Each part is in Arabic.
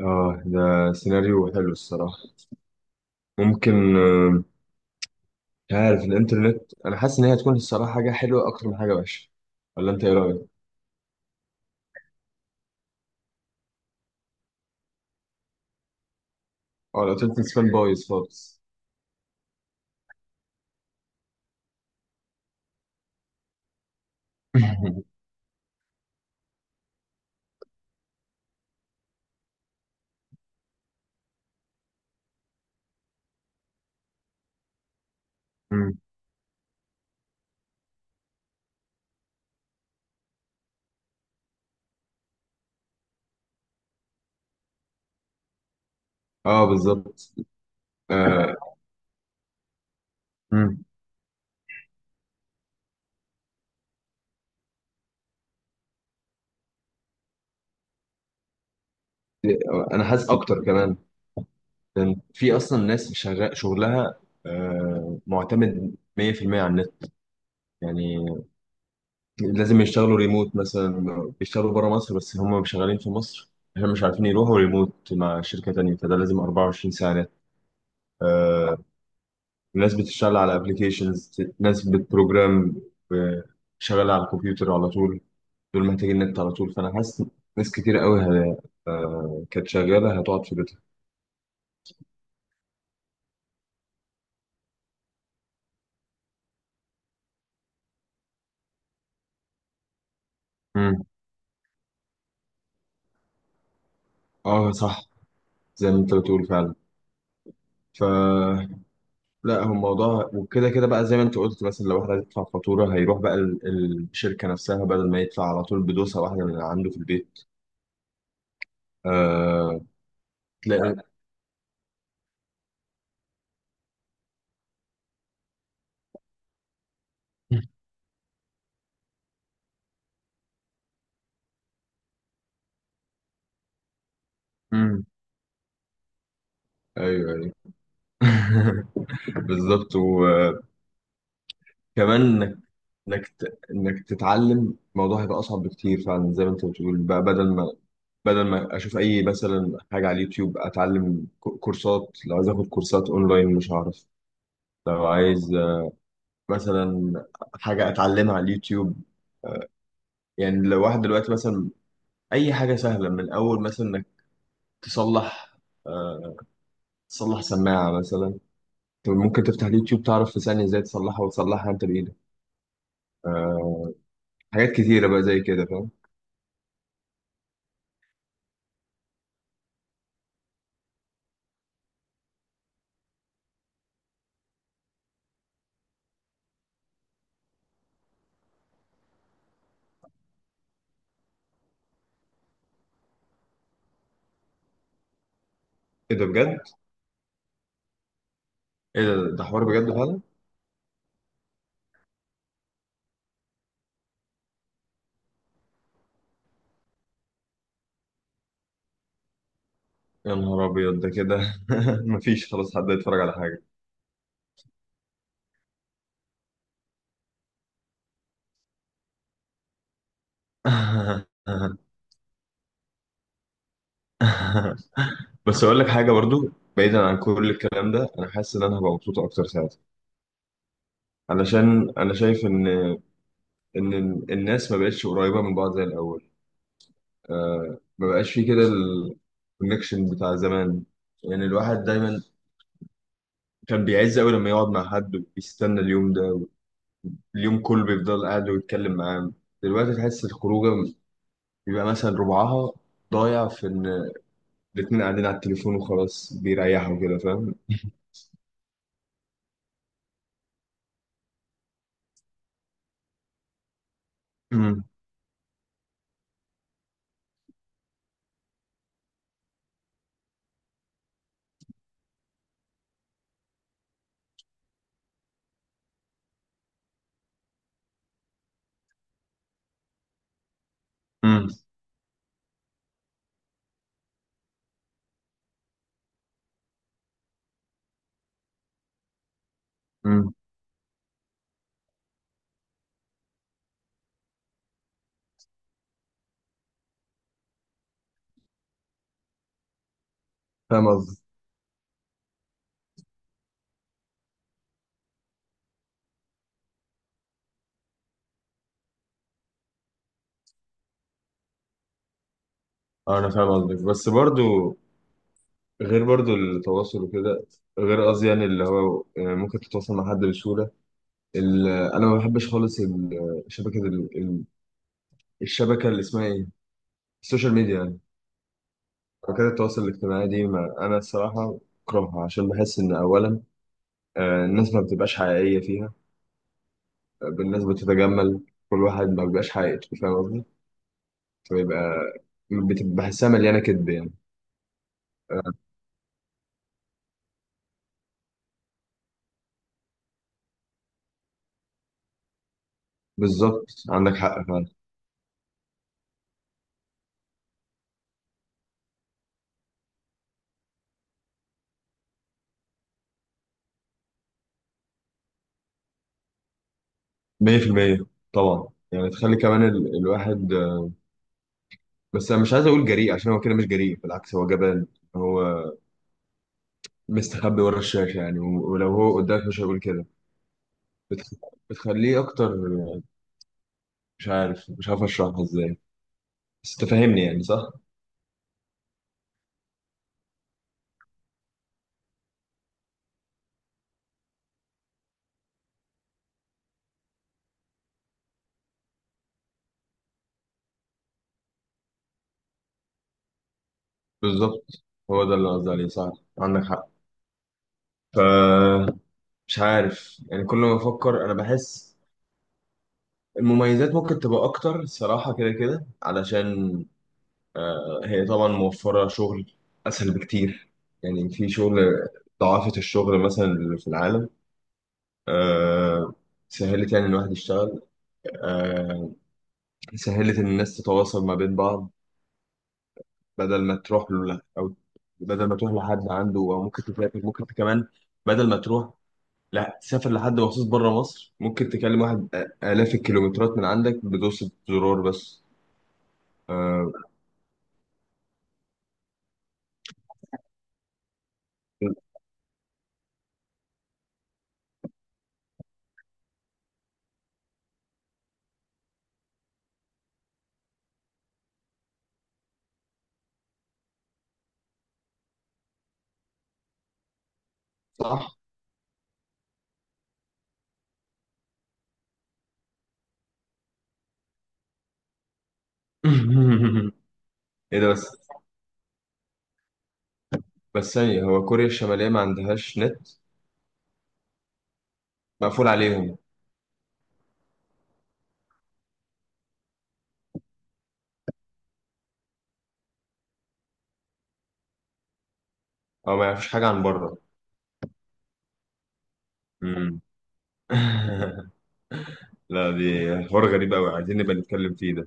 اه، ده سيناريو حلو الصراحة. ممكن، مش عارف. الانترنت، انا حاسس ان هي هتكون الصراحة حاجة حلوة اكتر من حاجة وحشة. ولا انت ايه رأيك؟ اه، الانترنت سبان بايظ خالص. مم. اه، بالظبط. آه، مم. انا حاسس اكتر كمان، لان في اصلا ناس شغلها معتمد 100% على النت. يعني لازم يشتغلوا ريموت مثلا، بيشتغلوا بره مصر بس هم شغالين في مصر. احنا مش عارفين يروحوا ريموت مع شركة تانية، فده لازم 24 ساعة. آه، ناس بتشتغل على ابلكيشنز، ناس بتبروجرام، آه، شغالة على الكمبيوتر على طول. دول محتاجين نت على طول، فأنا حاسس ناس كتير قوي كانت شغالة هتقعد في بيتها. مم. اه، صح، زي ما انت بتقول فعلا. ف لا، هو الموضوع وكده كده بقى، زي ما انت قلت مثلا، لو واحد عايز يدفع فاتورة هيروح بقى الشركة نفسها، بدل ما يدفع على طول بدوسة واحدة من عنده في البيت. آه. تلاقي. مم. ايوه، ايوه. بالظبط، و كمان انك تتعلم الموضوع هيبقى اصعب بكتير فعلا، زي ما انت بتقول بقى، بدل ما اشوف اي مثلا حاجه على اليوتيوب، اتعلم كورسات. لو عايز اخد كورسات اونلاين مش هعرف. لو عايز مثلا حاجه اتعلمها على اليوتيوب، يعني لو واحد دلوقتي مثلا، اي حاجه سهله، من اول مثلا انك تصلح آه، سماعه مثلا. انت ممكن تفتح اليوتيوب، تعرف في ثانيه ازاي تصلحها، وتصلحها انت بايدك. آه، حاجات كتيره بقى زي كده. فاهم؟ ايه ده بجد؟ ايه ده حوار بجد فعلا. يا نهار ابيض ده كده! مفيش خلاص حد يتفرج على حاجه. بس اقول لك حاجه برضو، بعيدا عن كل الكلام ده، انا حاسس ان انا هبقى مبسوط اكتر ساعتها، علشان انا شايف ان الناس ما بقتش قريبه من بعض زي الاول. ما بقاش في كده الكونكشن بتاع زمان. يعني الواحد دايما كان بيعز قوي لما يقعد مع حد، وبيستنى اليوم ده اليوم كله بيفضل قاعد ويتكلم معاه. دلوقتي تحس الخروجه بيبقى مثلا ربعها ضايع في ان الاتنين قاعدين على التليفون وخلاص، بيريحوا كده. فاهم؟ امم. امم. امم. فاهم قصدي؟ اه، انا فاهم قصدك، بس برضو، غير برضو التواصل وكده، غير قصدي يعني اللي هو، يعني ممكن تتواصل مع حد بسهولة. انا ما بحبش خالص الشبكة اللي اسمها ايه، السوشيال ميديا يعني، شبكات التواصل الاجتماعي دي. ما انا الصراحة بكرهها، عشان بحس ان اولا الناس ما بتبقاش حقيقية فيها. الناس بتتجمل، كل واحد ما بيبقاش حقيقته. فاهم قصدي؟ بيبقى بتبقى بحسها مليانة كدب يعني. آه، بالظبط، عندك حق فعلا. 100% طبعا. يعني تخلي كمان الواحد، بس انا مش عايز اقول جريء، عشان هو كده مش جريء، بالعكس هو جبان. هو مستخبي ورا الشاشة يعني، ولو هو قدامك مش هيقول كده. بتخ... بتخليه اكتر. مش عارف اشرحها ازاي، بس تفهمني يعني صح؟ بالظبط، هو ده اللي قصدي عليه صح، عندك حق. ف مش عارف يعني، كل ما افكر انا بحس المميزات ممكن تبقى اكتر الصراحه، كده كده علشان هي طبعا موفره شغل اسهل بكتير. يعني في شغل ضعافه، الشغل مثلا اللي في العالم آه، سهلت يعني الواحد يشتغل. آه، سهلت ان الناس تتواصل ما بين بعض، بدل ما تروح له، او بدل ما تروح لحد عنده، او ممكن تسافر. ممكن كمان، بدل ما تروح، لا تسافر لحد مخصوص بره مصر، ممكن تكلم واحد آلاف الكيلومترات من عندك بدوسة زرار بس. آه، صح. ايه ده بس! بس ثانية، هو كوريا الشمالية ما عندهاش نت؟ مقفول عليهم، او ما يعرفوش حاجة عن بره؟ امم. لا، دي حوار غريب قوي، عايزين نبقى نتكلم فيه ده.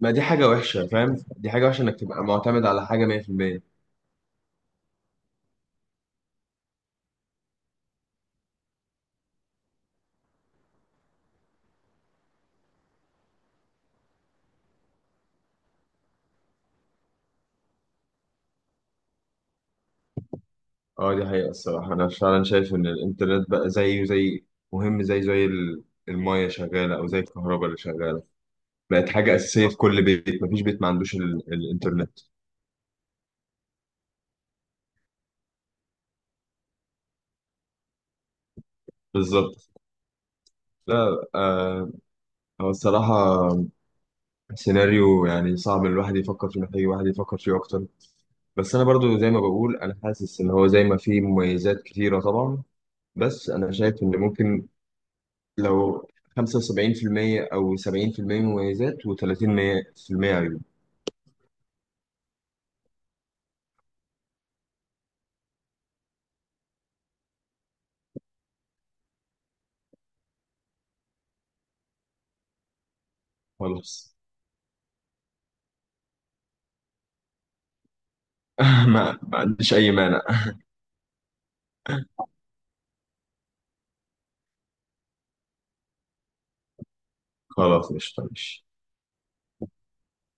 ما دي حاجة وحشة، فاهم، دي حاجة وحشة انك تبقى معتمد على حاجة 100%. اه، دي حقيقة الصراحة. انا فعلا شايف ان الانترنت بقى زيه زي، مهم زي المية شغالة، او زي الكهرباء اللي شغالة. بقت حاجة أساسية في كل بيت، مفيش بيت ما عندوش الانترنت. بالظبط، لا. هو الصراحة سيناريو يعني صعب الواحد يفكر فيه، محتاج الواحد يفكر فيه اكتر. بس انا برضو زي ما بقول، انا حاسس ان هو زي ما فيه مميزات كتيرة طبعا، بس انا شايف ان ممكن، لو 75% او 70% مميزات و30% عيوب. خلاص. ما عنديش اي مانع. خلاص، مش طيب.